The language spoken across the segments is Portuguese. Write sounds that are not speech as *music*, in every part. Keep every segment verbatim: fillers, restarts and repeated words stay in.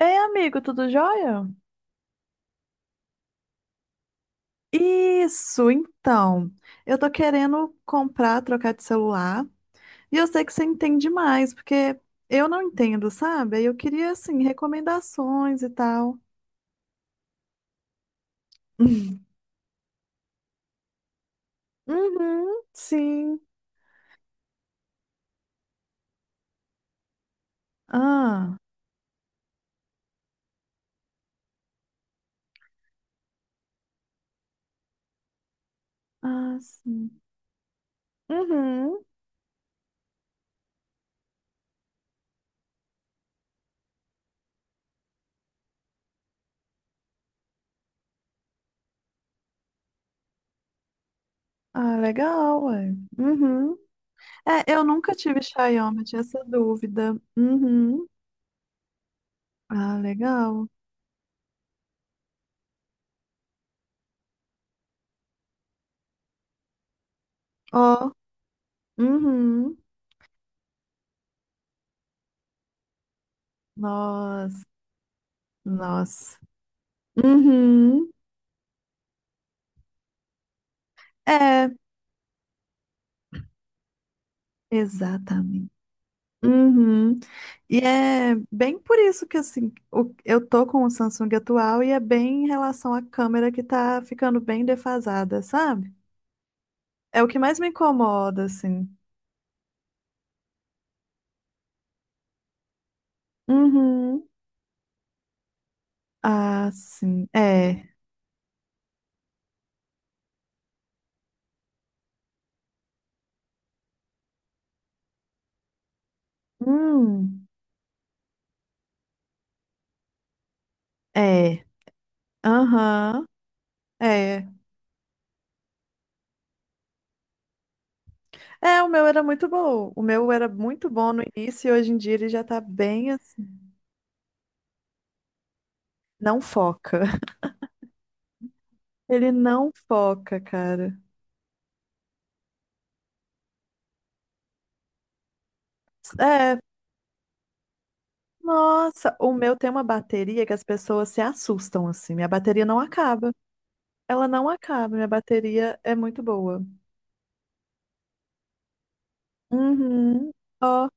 Ei, amigo, tudo jóia? Isso, então. Eu tô querendo comprar, trocar de celular. E eu sei que você entende mais, porque eu não entendo, sabe? Aí eu queria, assim, recomendações e tal. *laughs* Uhum, sim. Ah, ah, sim. Uhum. Ah, legal, ué. Uhum. É, eu nunca tive Xiaomi, tinha essa dúvida. Uhum. Ah, legal. Ó, uhum. Nossa, nossa. Uhum. É, exatamente. Uhum. E é bem por isso que assim, o- eu tô com o Samsung atual e é bem em relação à câmera que tá ficando bem defasada, sabe? É o que mais me incomoda, assim. Uhum. Ah, sim. É. Hum. É. Aham. É. É, o meu era muito bom. O meu era muito bom no início e hoje em dia ele já tá bem assim. Não foca. *laughs* Ele não foca, cara. É, nossa, o meu tem uma bateria que as pessoas se assustam assim. Minha bateria não acaba. Ela não acaba, minha bateria é muito boa. Uhum. Ó,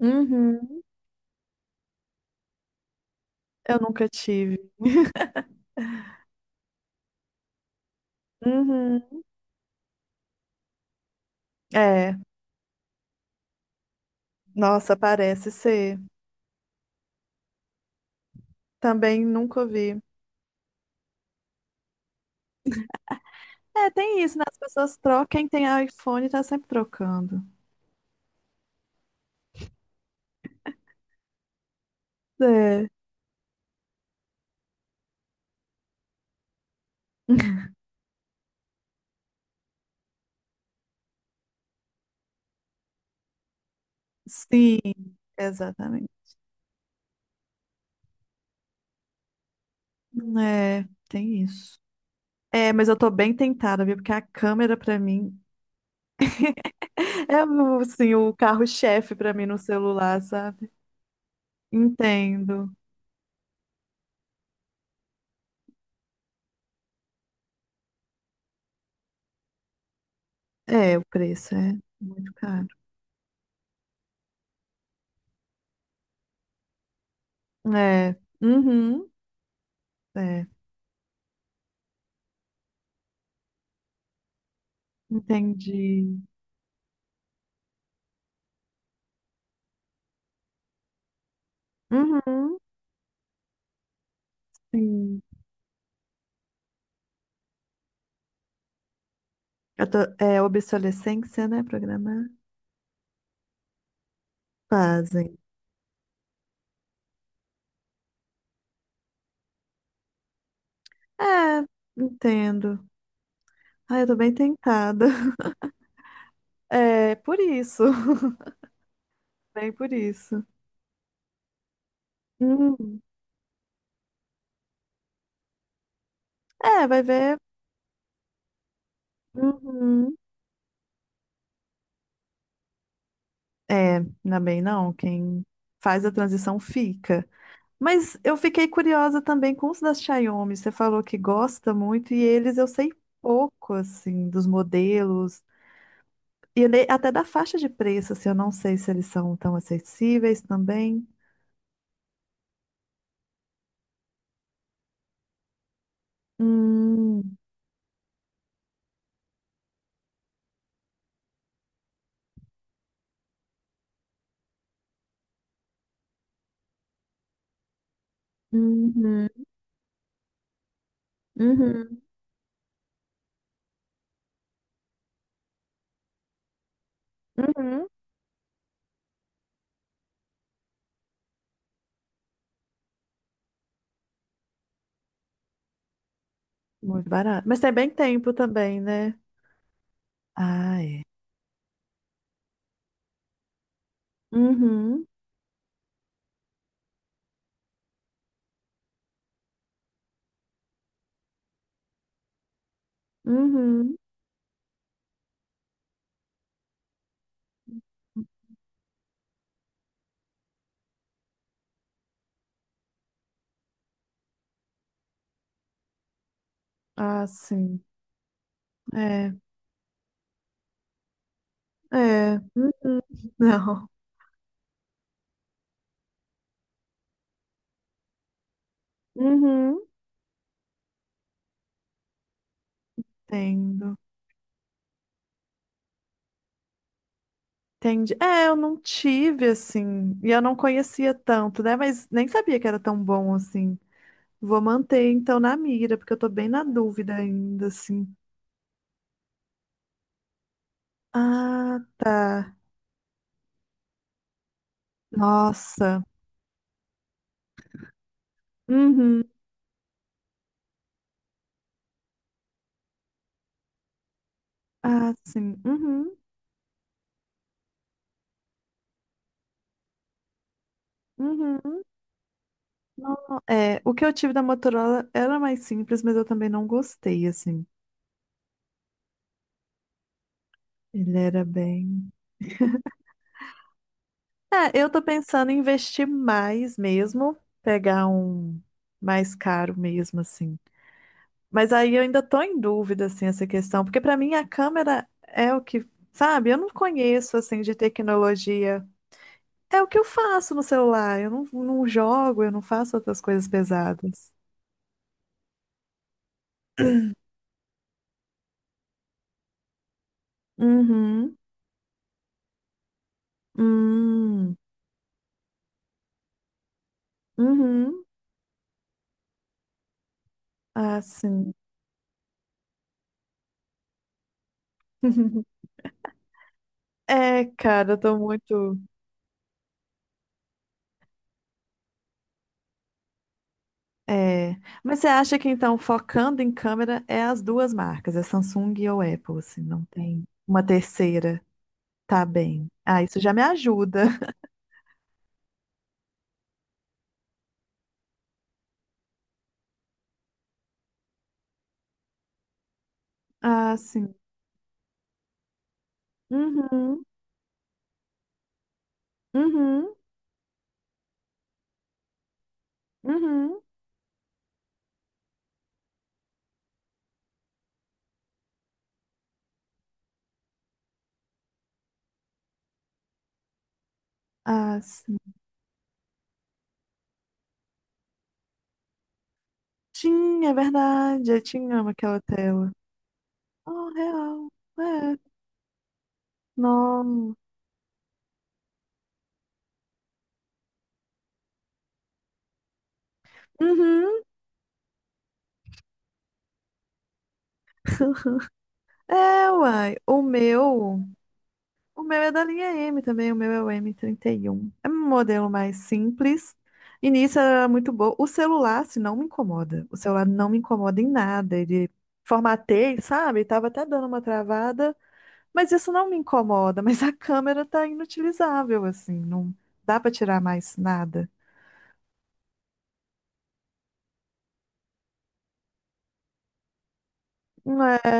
uhum. Eu nunca tive. Uhum. É, nossa, parece ser. Também nunca vi. É, tem isso, né? As pessoas trocam, quem tem iPhone tá sempre trocando. É, sim, exatamente. É, tem isso. É, mas eu tô bem tentada, viu? Porque a câmera pra mim… *laughs* É o- assim, o carro-chefe pra mim no celular, sabe? Entendo. É, o preço é muito caro. É. Uhum. É. Entendi. Uhum. Sim. Eu tô… é obsolescência, né? Programar. Fazem. É, entendo. Ah, eu tô bem tentada. *laughs* É, por isso. *laughs* Bem por isso. Uhum. É, vai ver. Uhum. É, ainda bem não. Quem faz a transição fica. Mas eu fiquei curiosa também com os da Xiaomi. Você falou que gosta muito e eles eu sei pouco assim dos modelos e ne- até da faixa de preço, assim, eu não sei se eles são tão acessíveis também. Hum, uhum, uhum, uhum. Muito barato. Mas tem bem tempo também, né? Ah, é. Uhum, uhum. Ah, sim. É, é. Uhum. Não. Uhum. Entendo. Entendi. É, eu não tive assim, e eu não conhecia tanto, né? Mas nem sabia que era tão bom assim. Vou manter então na mira, porque eu tô bem na dúvida ainda, assim. Ah, tá. Nossa. Uhum. Ah, sim. Uhum. Uhum. Não, não. É, o que eu tive da Motorola era mais simples, mas eu também não gostei, assim. Ele era bem. É, eu tô pensando em investir mais mesmo, pegar um mais caro mesmo, assim. Mas aí eu ainda tô em dúvida, assim, essa questão, porque pra mim a câmera é o que, sabe, eu não conheço, assim, de tecnologia. É o que eu faço no celular, eu não, não jogo, eu não faço outras coisas pesadas. Uhum, hum, uhum, ah, sim. *laughs* É, cara, eu tô muito. É. Mas você acha que então, focando em câmera, é as duas marcas, é Samsung ou Apple, assim, não tem uma terceira? Tá bem. Ah, isso já me ajuda. *laughs* Ah, sim. Uhum, uhum, uhum. Ah, sim. Tinha, é verdade. Eu tinha amo aquela tela. Oh, real. É. Não. Uhum. *laughs* É, uai. O meu. O meu é da linha M também. O meu é o m trinta e um. É um modelo mais simples. E nisso era muito bom. O celular, se não me incomoda. O celular não me incomoda em nada. Ele formatei, sabe? Tava até dando uma travada. Mas isso não me incomoda, mas a câmera tá inutilizável, assim, não dá para tirar mais nada. Não é,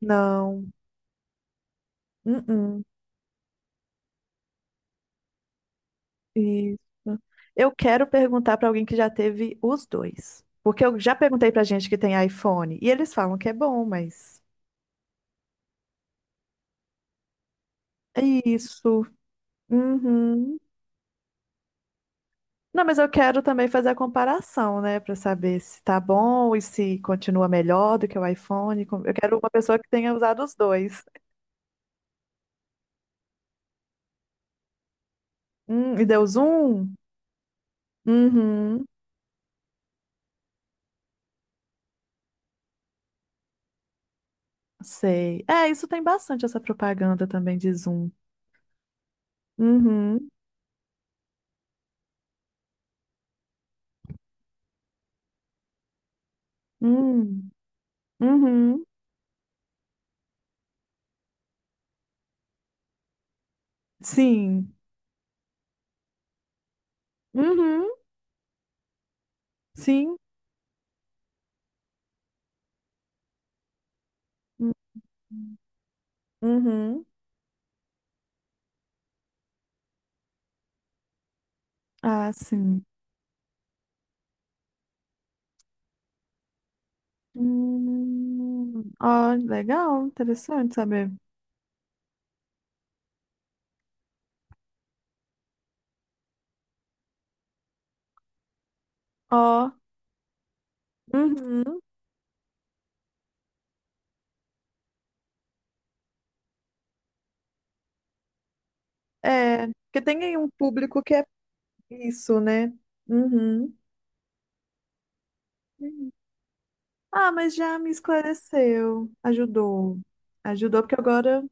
não. Uh-uh. Isso. Eu quero perguntar para alguém que já teve os dois. Porque eu já perguntei para gente que tem iPhone e eles falam que é bom, mas é isso. Uhum. Não, mas eu quero também fazer a comparação, né, para saber se tá bom e se continua melhor do que o iPhone. Eu quero uma pessoa que tenha usado os dois. Hum, e deu zoom? Uhum. Sei. É, isso tem bastante essa propaganda também de Zoom. Uhum. Hum. Uhum. Sim. Uhum. Sim. Uhum. Ah, sim. Hum. Ó, legal, interessante saber. Ó, uhum. É, porque tem aí um público que é isso, né? Uhum. Uhum. Ah, mas já me esclareceu, ajudou. Ajudou porque agora,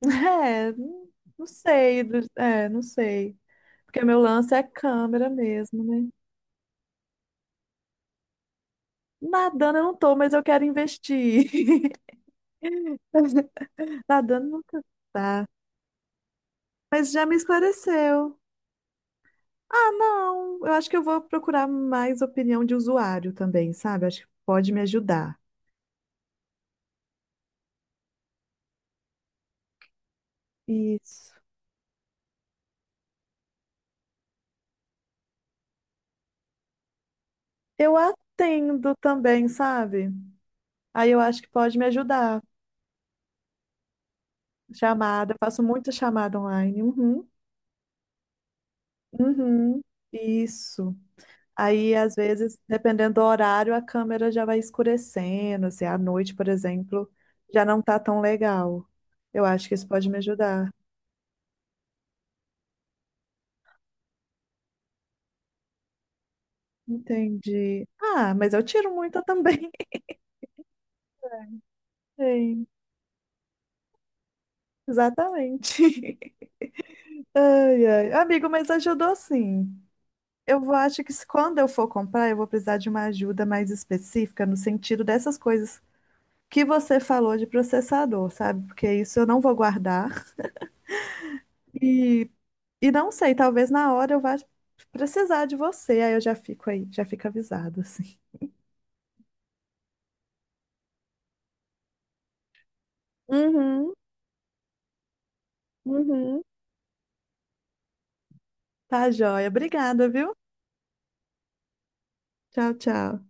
*laughs* é, não não sei, do- é, não sei. Porque meu lance é câmera mesmo, né? Nadando eu não tô, mas eu quero investir. *laughs* Nadando nunca tá. Mas já me esclareceu. Ah, não. Eu acho que eu vou procurar mais opinião de usuário também, sabe? Acho que pode me ajudar. Isso. Eu atendo também, sabe? Aí eu acho que pode me ajudar. Chamada, eu faço muita chamada online. Uhum. Uhum. Isso. Aí, às vezes, dependendo do horário, a câmera já vai escurecendo. Se é à noite, por exemplo, já não tá tão legal. Eu acho que isso pode me ajudar. Entendi. Ah, mas eu tiro muita também. *laughs* Sim, exatamente. *laughs* Ai, ai. Amigo, mas ajudou sim. Eu vou, acho que se- quando eu for comprar, eu vou precisar de uma ajuda mais específica no sentido dessas coisas que você falou de processador, sabe? Porque isso eu não vou guardar. E E não sei, talvez na hora eu vá precisar de você, aí eu já fico aí, já fico avisado, assim. Uhum, uhum. Tá, joia. Obrigada, viu? Tchau, tchau.